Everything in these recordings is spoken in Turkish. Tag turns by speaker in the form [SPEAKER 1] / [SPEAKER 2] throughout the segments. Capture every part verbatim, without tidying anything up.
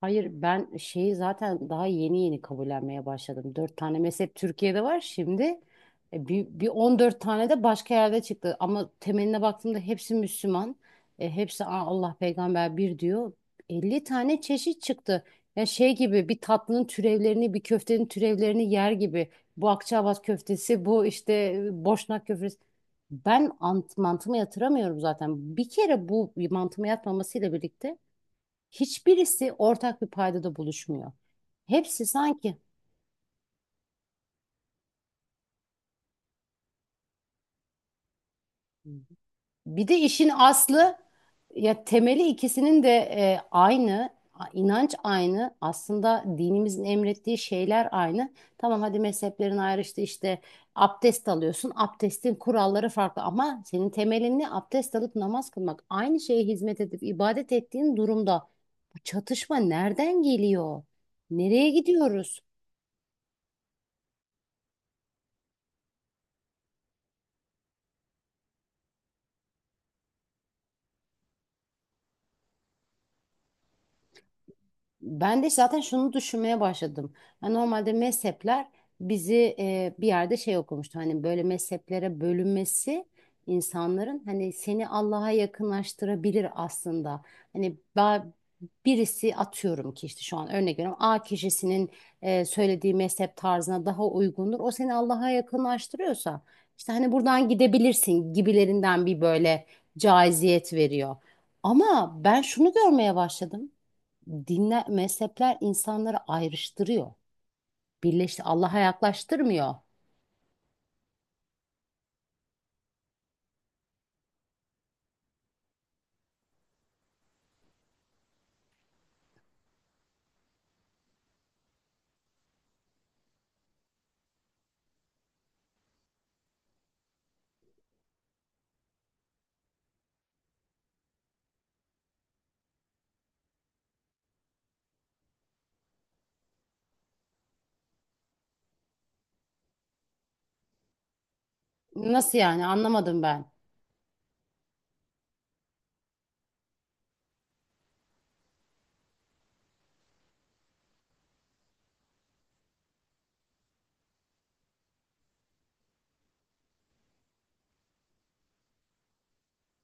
[SPEAKER 1] Hayır ben şeyi zaten daha yeni yeni kabullenmeye başladım. Dört tane mezhep Türkiye'de var şimdi. e, Bir, bir on dört tane de başka yerde çıktı. Ama temeline baktığımda hepsi Müslüman. E, hepsi, "Aa, Allah peygamber bir," diyor. Elli tane çeşit çıktı. Ya şey gibi, bir tatlının türevlerini, bir köftenin türevlerini yer gibi. Bu Akçaabat köftesi, bu işte e, Boşnak köftesi. Ben ant, mantıma yatıramıyorum zaten. Bir kere bu mantıma yatmamasıyla birlikte hiçbirisi ortak bir paydada buluşmuyor. Hepsi sanki bir de işin aslı, ya temeli ikisinin de e, aynı, a- inanç aynı, aslında dinimizin emrettiği şeyler aynı. Tamam, hadi mezheplerin ayrıştı işte, abdest alıyorsun, abdestin kuralları farklı, ama senin temelin ne? Abdest alıp namaz kılmak, aynı şeye hizmet edip ibadet ettiğin durumda bu çatışma nereden geliyor? Nereye gidiyoruz? Ben de zaten şunu düşünmeye başladım. Ya normalde mezhepler bizi e, bir yerde şey okumuştu. Hani böyle mezheplere bölünmesi insanların, hani seni Allah'a yakınlaştırabilir aslında. Hani ba- Birisi, atıyorum ki işte, şu an örnek veriyorum, A kişisinin e, söylediği mezhep tarzına daha uygundur. O seni Allah'a yakınlaştırıyorsa, işte hani buradan gidebilirsin gibilerinden, bir böyle caiziyet veriyor. Ama ben şunu görmeye başladım: dinler, mezhepler insanları ayrıştırıyor. Birleşti, Allah'a yaklaştırmıyor. Nasıl yani, anlamadım ben.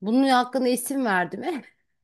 [SPEAKER 1] Bunun hakkında isim verdi mi?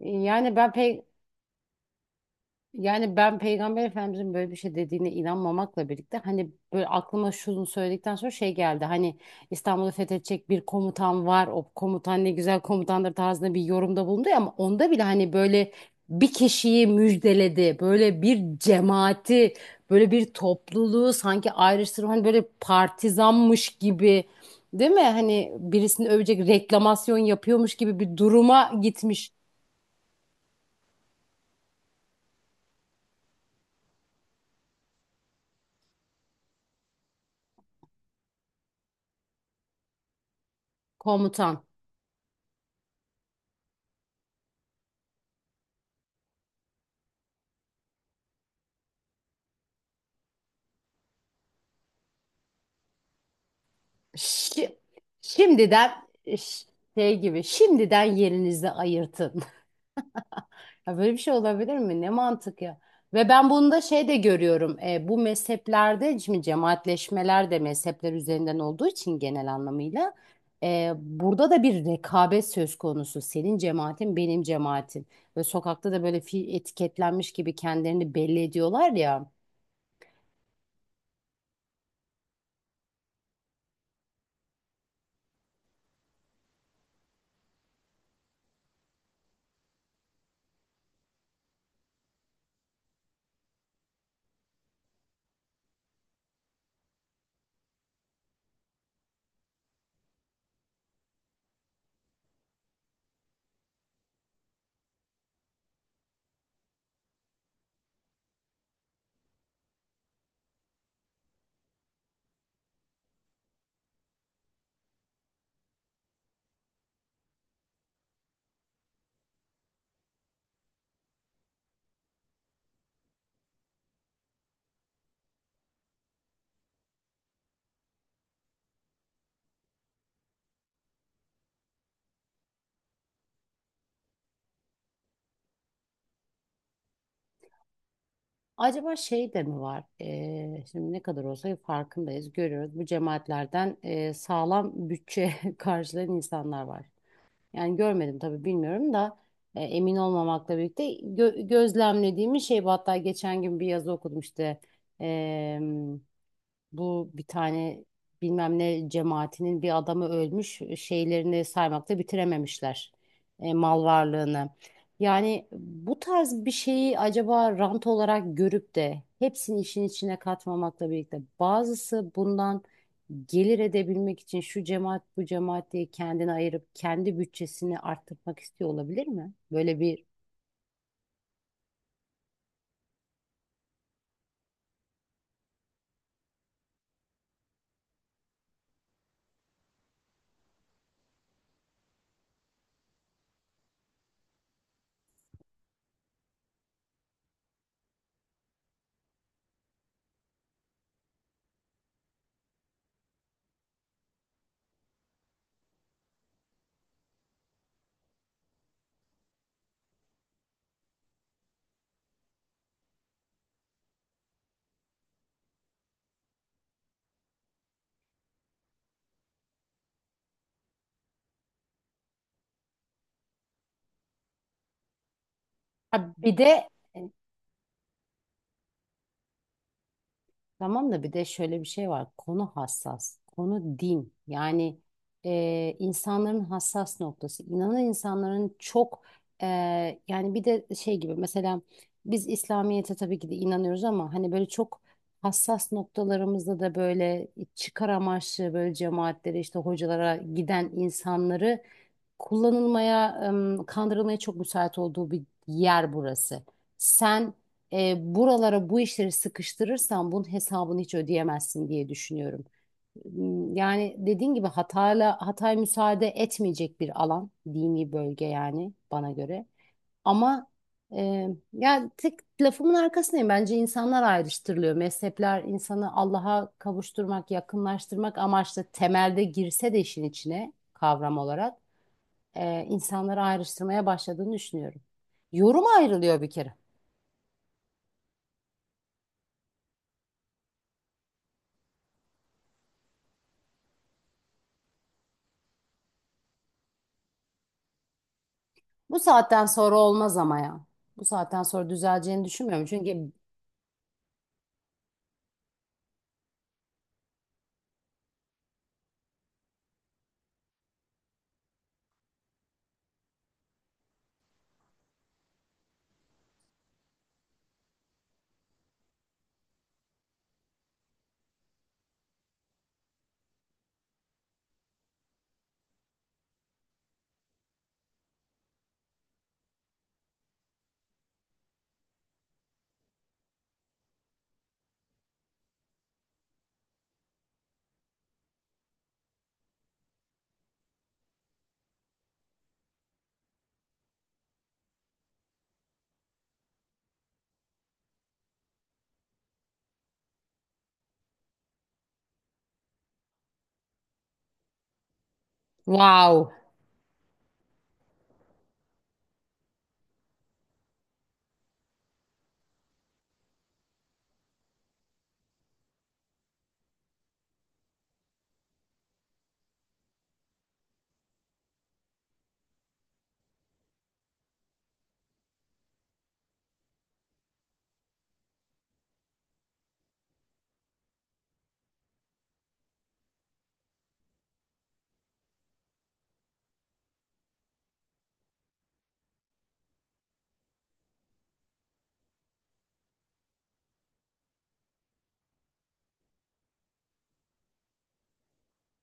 [SPEAKER 1] Yani ben pek Yani ben Peygamber Efendimizin böyle bir şey dediğine inanmamakla birlikte, hani böyle aklıma şunu söyledikten sonra şey geldi. Hani İstanbul'u fethedecek bir komutan var. O komutan ne güzel komutandır tarzında bir yorumda bulundu ya, ama onda bile hani böyle bir kişiyi müjdeledi. Böyle bir cemaati, böyle bir topluluğu sanki ayrıştırma, hani böyle partizanmış gibi, değil mi? Hani birisini övecek, reklamasyon yapıyormuş gibi bir duruma gitmiş komutan. Şi- şimdiden ş- Şey gibi, şimdiden yerinizi ayırtın. Ya böyle bir şey olabilir mi? Ne mantık ya. Ve ben bunu da şey de görüyorum. E, bu mezheplerde şimdi cemaatleşmeler de mezhepler üzerinden olduğu için, genel anlamıyla e, burada da bir rekabet söz konusu. Senin cemaatin, benim cemaatim. Ve sokakta da böyle fi- etiketlenmiş gibi kendilerini belli ediyorlar ya. Acaba şey de mi var? Ee, şimdi ne kadar olsa farkındayız, görüyoruz. Bu cemaatlerden e, sağlam bütçe karşılayan insanlar var. Yani görmedim tabii, bilmiyorum da e, emin olmamakla birlikte gö- gözlemlediğimiz şey bu. Hatta geçen gün bir yazı okudum, işte bu bir tane bilmem ne cemaatinin bir adamı ölmüş, şeylerini saymakta bitirememişler e, mal varlığını. Yani bu tarz bir şeyi acaba rant olarak görüp de, hepsini işin içine katmamakla birlikte, bazısı bundan gelir edebilmek için şu cemaat bu cemaat diye kendini ayırıp kendi bütçesini arttırmak istiyor olabilir mi? Böyle bir ha, bir de tamam da, bir de şöyle bir şey var. Konu hassas. Konu din. Yani e, insanların hassas noktası. İnanan insanların çok e, yani bir de şey gibi, mesela biz İslamiyet'e tabii ki de inanıyoruz, ama hani böyle çok hassas noktalarımızda da böyle çıkar amaçlı, böyle cemaatlere işte hocalara giden insanları kullanılmaya, em, kandırılmaya çok müsait olduğu bir yer burası. Sen e, buralara bu işleri sıkıştırırsan bunun hesabını hiç ödeyemezsin diye düşünüyorum. M, Yani dediğin gibi, Hatay'la Hatay müsaade etmeyecek bir alan, dini bölge yani bana göre. Ama e, yani tek lafımın arkasındayım. Bence insanlar ayrıştırılıyor. Mezhepler, insanı Allah'a kavuşturmak, yakınlaştırmak amaçlı temelde girse de, işin içine kavram olarak e, insanları ayrıştırmaya başladığını düşünüyorum. Yorum ayrılıyor bir kere. Bu saatten sonra olmaz ama ya. Bu saatten sonra düzeleceğini düşünmüyorum. Çünkü wow.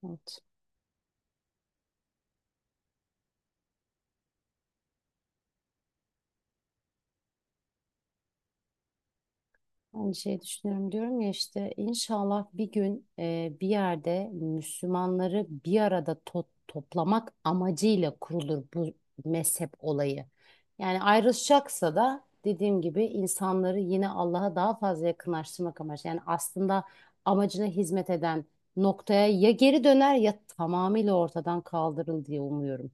[SPEAKER 1] Evet. Aynı şeyi düşünüyorum diyorum ya, işte inşallah bir gün e, bir yerde Müslümanları bir arada to- toplamak amacıyla kurulur bu mezhep olayı. Yani ayrışacaksa da, dediğim gibi, insanları yine Allah'a daha fazla yakınlaştırmak amacı. Yani aslında amacına hizmet eden noktaya ya geri döner, ya tamamıyla ortadan kaldırıl diye umuyorum.